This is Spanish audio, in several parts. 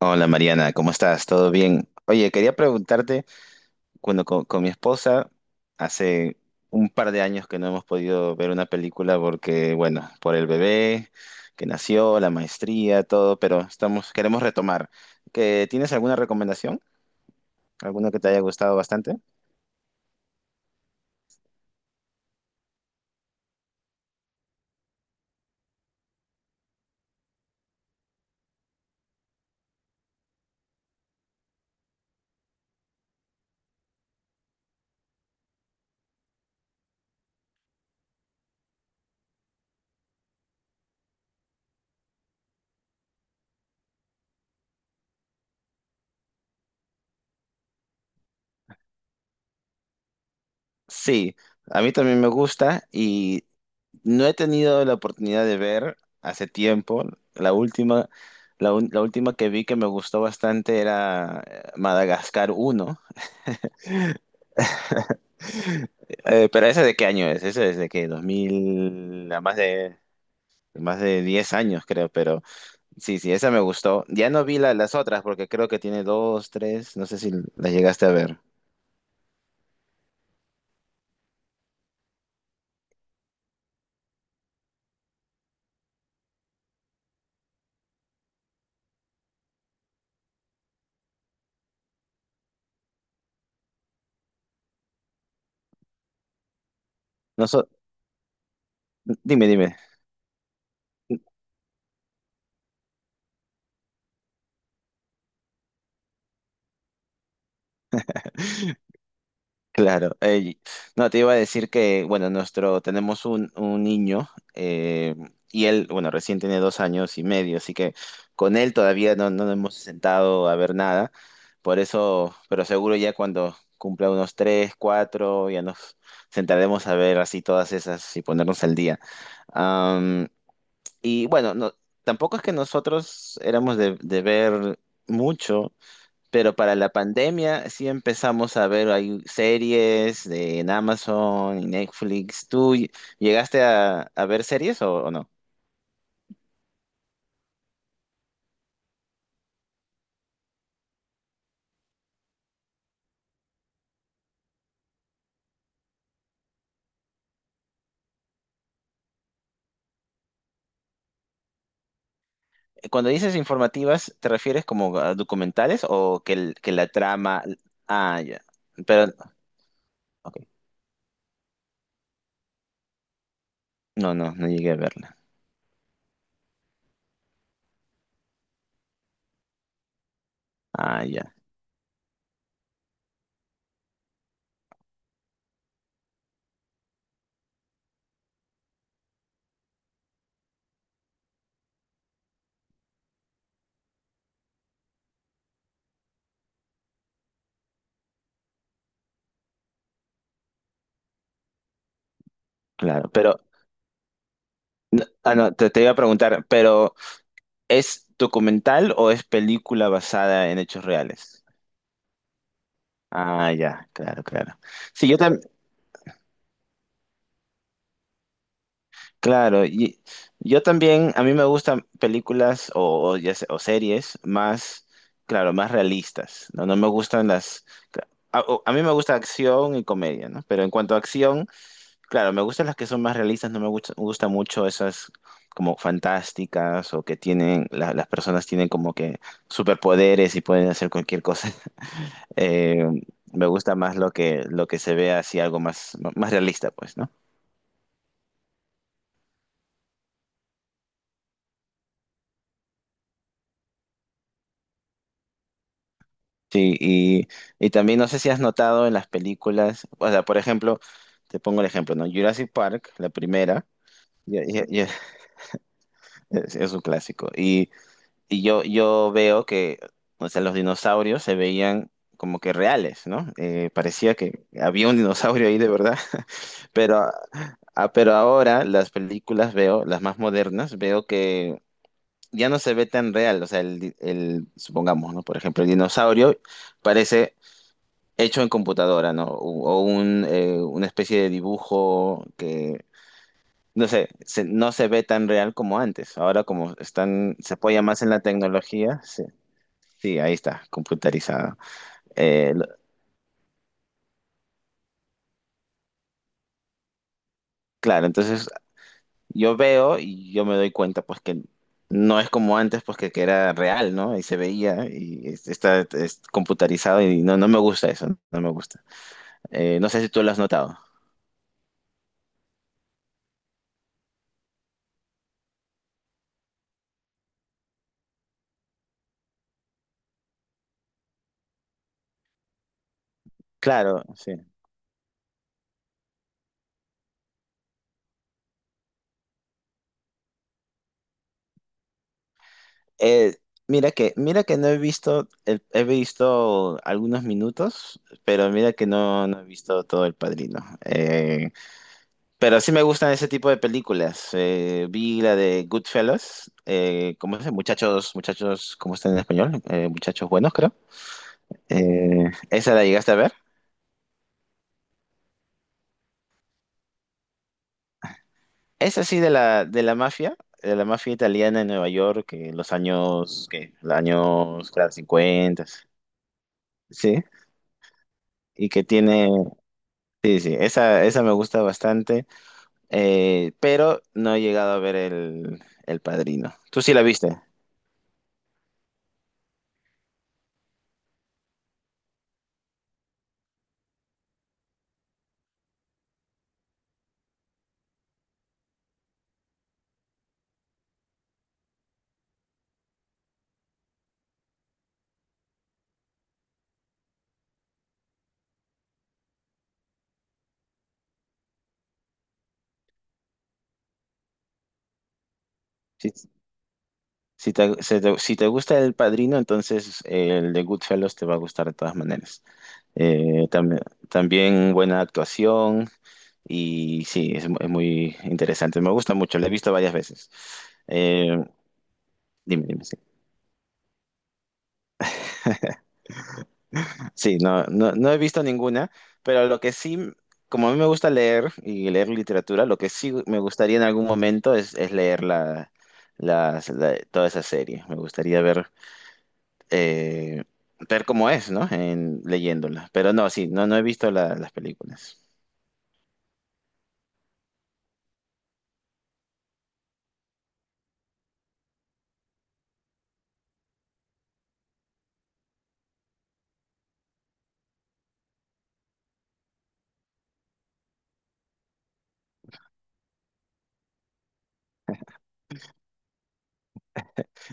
Hola Mariana, ¿cómo estás? ¿Todo bien? Oye, quería preguntarte, cuando con mi esposa, hace un par de años que no hemos podido ver una película porque, bueno, por el bebé que nació, la maestría, todo, pero estamos, queremos retomar. ¿Que tienes alguna recomendación? ¿Alguna que te haya gustado bastante? Sí, a mí también me gusta y no he tenido la oportunidad de ver hace tiempo. La última, la última que vi que me gustó bastante era Madagascar uno. Pero ¿ese de qué año es? Ese es de que 2000 a más de 10 años creo, pero sí, sí, esa me gustó. Ya no vi las otras porque creo que tiene dos, tres, no sé si las llegaste a ver. No so- Dime, dime. Claro, no, te iba a decir que, bueno, tenemos un niño, eh, y él, bueno, recién tiene 2 años y medio, así que con él todavía no nos hemos sentado a ver nada, por eso, pero seguro ya cuando cumpla unos tres, cuatro, ya nos sentaremos a ver así todas esas y ponernos al día. Am, y bueno, no, tampoco es que nosotros éramos de ver mucho. Pero para la pandemia sí empezamos a ver hay series en Amazon y Netflix. ¿Tú llegaste a ver series o no? Cuando dices informativas, ¿te refieres como a documentales o que la trama... Ah, ya. Pero, ok. No, no, no llegué a verla. Ah, ya, claro. Pero, ah, no, te iba a preguntar, pero ¿es documental o es película basada en hechos reales? Ah, ya, claro, claro. Sí, yo también... Claro, y yo también, a mí me gustan películas o ya o series más, claro, más realistas, ¿no? No me gustan las... A mí me gusta acción y comedia, ¿no? Pero en cuanto a acción, claro, me gustan las que son más realistas, no me gusta, me gusta mucho esas como fantásticas o que tienen, las personas tienen como que superpoderes y pueden hacer cualquier cosa. Eh, Me gusta más lo que se ve así, algo más, más realista, pues, ¿no? Sí, y también no sé si has notado en las películas, o sea, por ejemplo, te pongo el ejemplo, ¿no? Jurassic Park, la primera, ya, es un clásico. Y yo veo que, o sea, los dinosaurios se veían como que reales, ¿no? Parecía que había un dinosaurio ahí de verdad, pero, ah, pero ahora las películas veo, las más modernas, veo que ya no se ve tan real, o sea, el, supongamos, ¿no? Por ejemplo, el dinosaurio parece hecho en computadora, ¿no? O una especie de dibujo que, no sé, no se ve tan real como antes. Ahora como están, se apoya más en la tecnología, sí, sí, ahí está, computarizado. Eh, lo- claro, entonces yo veo y yo me doy cuenta pues que no es como antes pues que era real, ¿no? Y se veía y está es computarizado y no me gusta eso, no me gusta. No sé si tú lo has notado. Claro, Eh, mira que no he visto, he visto algunos minutos, pero mira que no he visto todo El Padrino. Pero sí me gustan ese tipo de películas. Vi la de Goodfellas, ¿cómo es? Muchachos, muchachos, ¿cómo está en español? Muchachos buenos, creo. ¿Esa la llegaste a ver? Esa sí de la mafia, de la mafia italiana en Nueva York, que en los años, que los años, claro, 50, sí, y que tiene... Sí, sí, esa me gusta bastante, pero no he llegado a ver el Padrino. ¿Tú sí la viste? Si, si te gusta el Padrino, entonces el de Goodfellas te va a gustar de todas maneras. Eh, tam- también buena actuación y sí, es muy interesante. Me gusta mucho, la he visto varias veces. Eh, Dime, dime. Sí. Sí, no, no, no he visto ninguna, pero lo que sí, como a mí me gusta leer y leer literatura, lo que sí me gustaría en algún momento es leer toda esa serie. Me gustaría eh, ver cómo es, ¿no? En, leyéndola. Pero no, sí, no, no he visto las películas.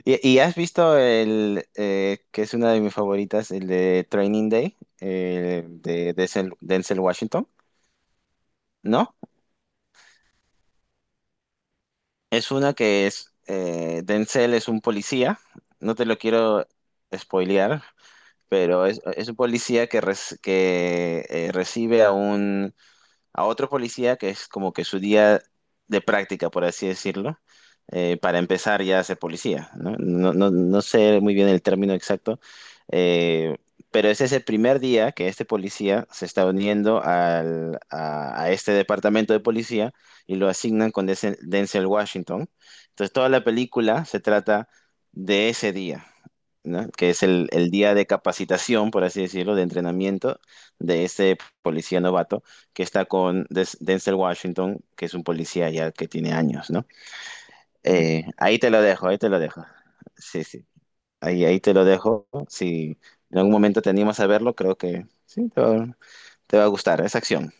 ¿Y has visto el, que es una de mis favoritas, el de Training Day, de Denzel Washington? ¿No? Es una que es, Denzel es un policía, no te lo quiero spoilear, pero es un policía que recibe a otro policía que es como que su día de práctica, por así decirlo, para empezar ya a ser policía, ¿no? No sé muy bien el término exacto, eh, pero ese es ese primer día que este policía se está uniendo a este departamento de policía y lo asignan con Denzel Washington. Entonces toda la película se trata de ese día, ¿no? Que es el día de capacitación, por así decirlo, de entrenamiento de este policía novato que está con Denzel Washington, que es un policía ya que tiene años, ¿no? Ahí te lo dejo, ahí te lo dejo. Sí, sí, ahí te lo dejo. Si en algún momento te animas a verlo, creo que sí, te va a gustar esa acción.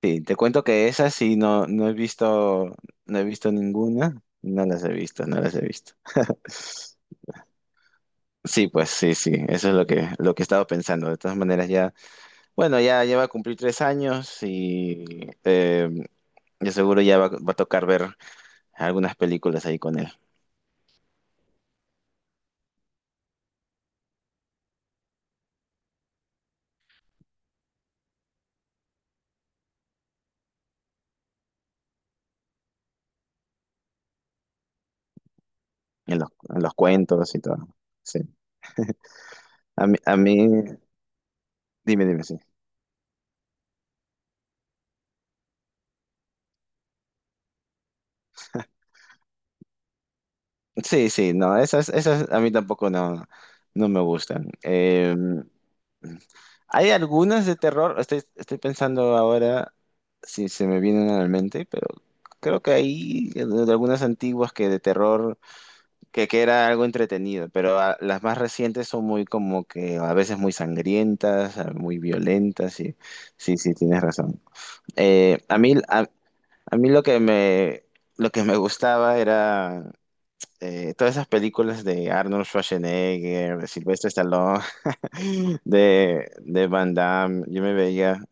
Sí, te cuento que esas sí no he visto, no he visto ninguna, no las he visto, no las he visto. Sí, pues sí, sí, eso es lo que estaba pensando. De todas maneras, ya, bueno, ya va a cumplir 3 años y yo seguro ya va a tocar ver algunas películas ahí con él, en los, en los cuentos y todo. Sí. A mí, a mí, Dime, dime, sí. Sí, sí, no, esas a mí tampoco no me gustan. Hay algunas de terror, estoy pensando ahora si se me vienen a la mente, pero creo que hay de algunas antiguas que de terror que era algo entretenido, pero las más recientes son muy como que a veces muy sangrientas, muy violentas, y sí, sí, tienes razón. Eh, a mí, a, a mí lo que me gustaba era todas esas películas de Arnold Schwarzenegger, de Sylvester Stallone, de Van Damme, yo me veía...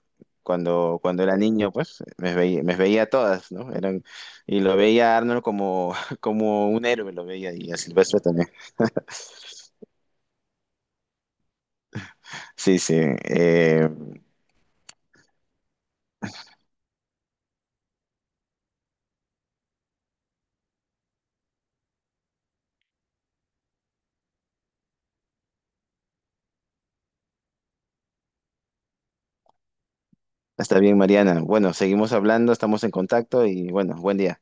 Cuando era niño, pues me veía todas, ¿no? Eran, y lo veía a Arnold como, como un héroe, lo veía y a Silvestre también. Sí, sí. eh, Está bien, Mariana. Bueno, seguimos hablando, estamos en contacto y bueno, buen día.